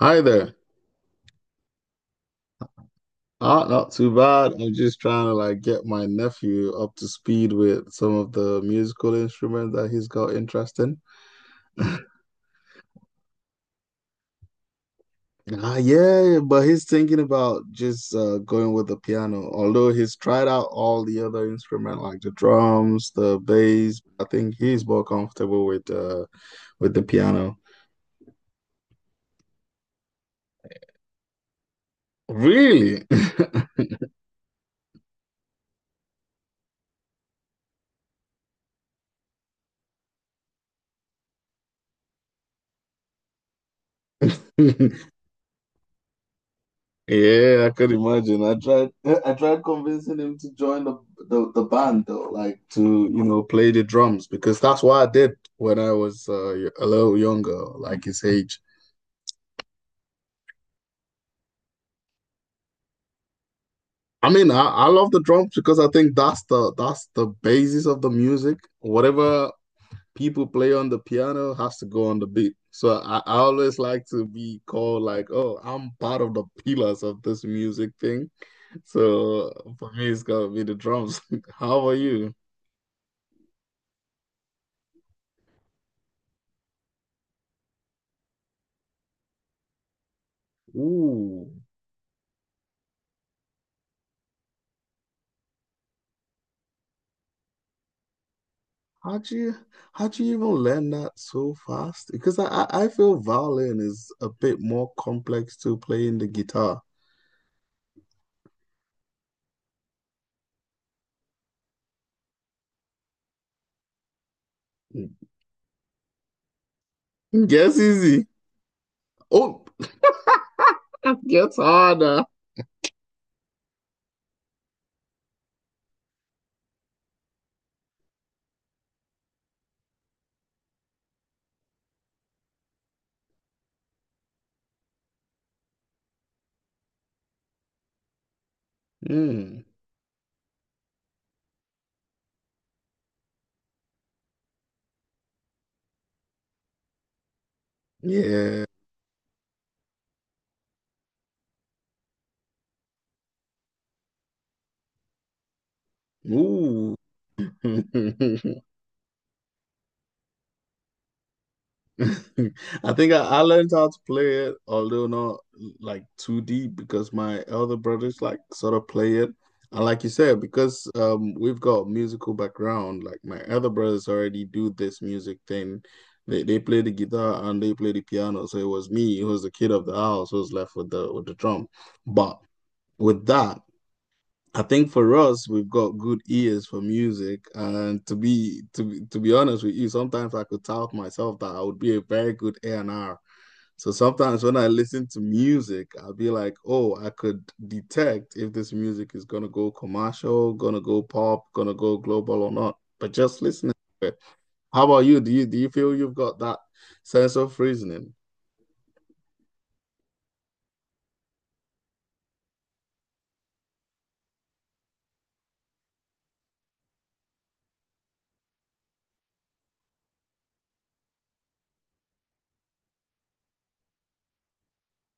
Hi there. Not too bad. I'm just trying to like get my nephew up to speed with some of the musical instruments that he's got interest in. Yeah, but he's thinking about just going with the piano. Although he's tried out all the other instruments, like the drums, the bass. I think he's more comfortable with the piano. Really? Yeah, I could imagine. I tried I tried convincing him to join the band though, like to, play the drums because that's what I did when I was a little younger, like his age. I mean, I love the drums because I think that's the basis of the music. Whatever people play on the piano has to go on the beat. So I always like to be called like, oh, I'm part of the pillars of this music thing. So for me, it's gotta be the drums. How are you? Ooh, how'd you how'd you even learn that so fast? Because I feel violin is a bit more complex to playing the guitar. Mm. Guess easy. Oh, gets harder. Mm. Yeah. Ooh. I think I learned how to play it, although not like too deep, because my elder brothers like sort of play it. And like you said, because we've got musical background, like my elder brothers already do this music thing. They play the guitar and they play the piano. So it was me, who was the kid of the house, who was left with the drum. But with that, I think for us, we've got good ears for music, and to be honest with you, sometimes I could tell myself that I would be a very good A&R. So sometimes when I listen to music, I'll be like, oh, I could detect if this music is gonna go commercial, gonna go pop, gonna go global or not. But just listening to it. How about you? Do you feel you've got that sense of reasoning?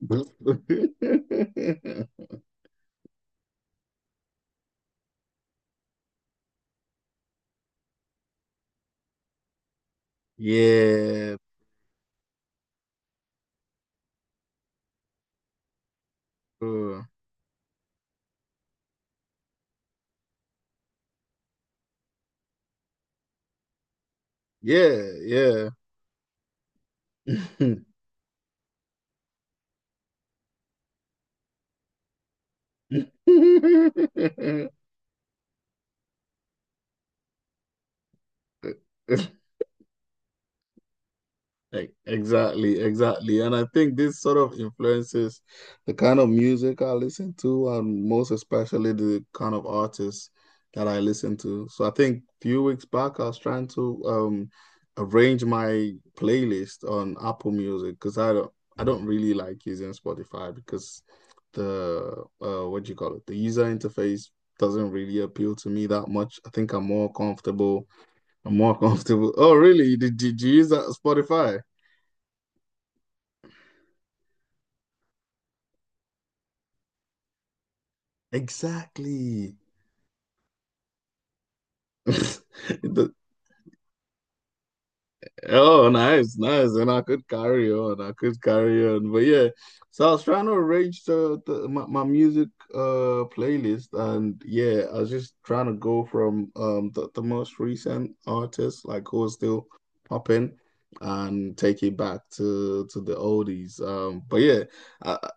Yeah, bro. Yeah, yeah. Exactly, exactly. And I think this sort of influences the kind of music I listen to, and most especially the kind of artists that I listen to. So I think a few weeks back, I was trying to arrange my playlist on Apple Music because I don't really like using Spotify because the what do you call it? The user interface doesn't really appeal to me that much. I think I'm more comfortable. I'm more comfortable. Oh, really? Did you use that Spotify? Exactly. The- oh, nice, nice. And I could carry on. I could carry on. But yeah, so I was trying to arrange my music playlist, and yeah, I was just trying to go from the most recent artists like who are still popping, and take it back to the oldies. But yeah, I, I-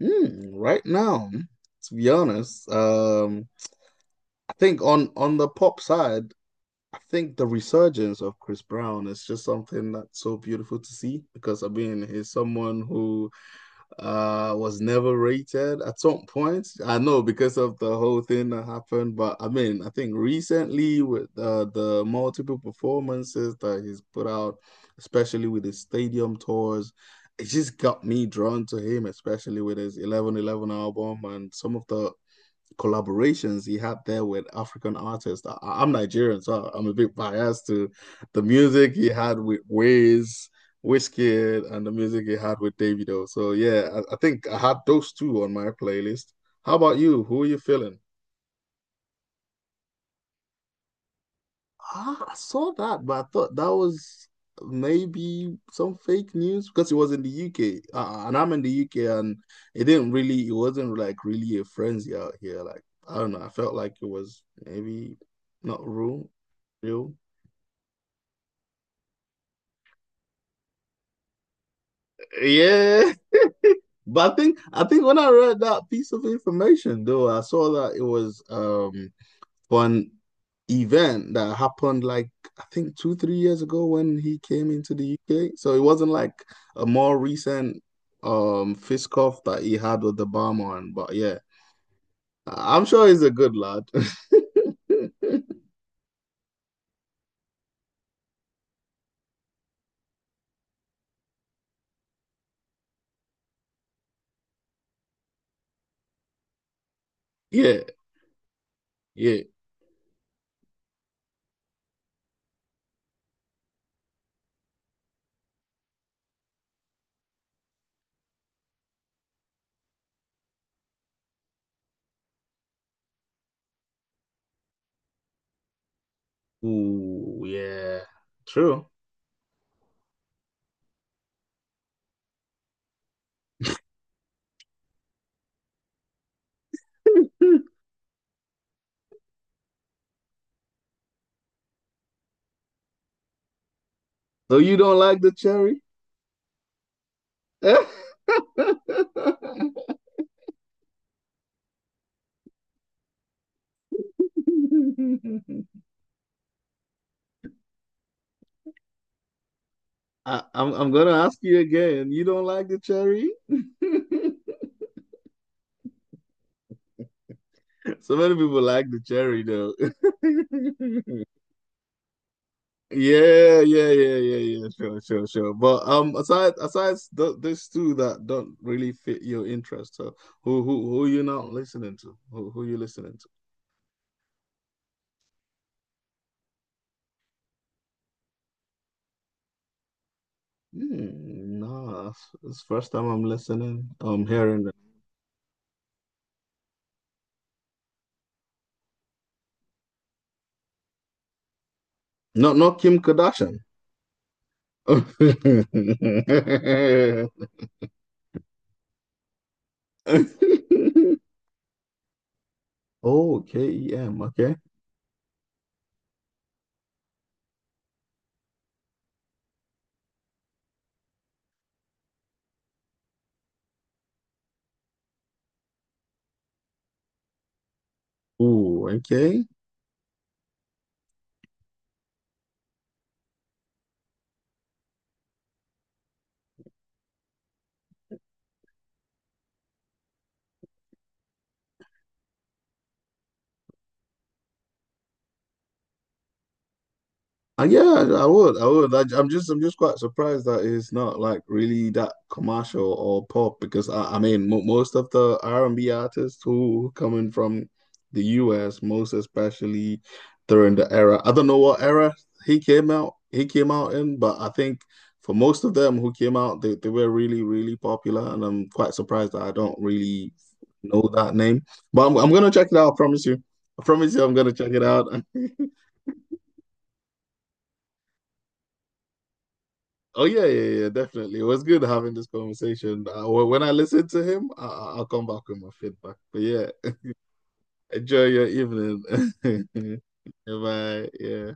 right now, to be honest, I think on the pop side. I think the resurgence of Chris Brown is just something that's so beautiful to see because I mean he's someone who was never rated at some point. I know because of the whole thing that happened, but I mean I think recently with the multiple performances that he's put out, especially with his stadium tours, it just got me drawn to him, especially with his 1111 album and some of the collaborations he had there with African artists. I am Nigerian, so I'm a bit biased to the music he had with Wizkid, and the music he had with Davido. So yeah, I think I had those two on my playlist. How about you? Who are you feeling? Ah, I saw that, but I thought that was maybe some fake news because it was in the UK, and I'm in the UK, and it didn't really, it wasn't like really a frenzy out here. Like I don't know, I felt like it was maybe not real. Yeah, but I think when I read that piece of information, though, I saw that it was one event that happened like I think 2, 3 years ago when he came into the UK. So it wasn't like a more recent fist cuff that he had with the barman. But yeah, I am sure he's a good lad. Yeah, yeah. Ooh, yeah. True. So you don't like the cherry? I, I'm gonna ask you again. You don't like the cherry? So many people like the cherry though. Yeah, yeah, yeah, yeah, yeah. Sure, sure, sure. But aside aside th these two that don't really fit your interest, so who you not listening to? Who you listening to? Hmm, nah, it's first time I'm listening. I'm hearing that. No, not Kim Kardashian. Oh, KEM. Okay. Ooh, okay. Yeah, I would. I would. I'm just quite surprised that it's not like really that commercial or pop because I mean, mo most of the R&B artists who coming from the US, most especially during the era. I don't know what era he came out in, but I think for most of them who came out, they were really, really popular, and I'm quite surprised that I don't really know that name. But I'm gonna check it out. I promise you. I promise you, I'm gonna check it out. Oh yeah, yeah, yeah, definitely. It was good having this conversation. When I listen to him, I'll come back with my feedback. But yeah, enjoy your evening. Bye. Yeah.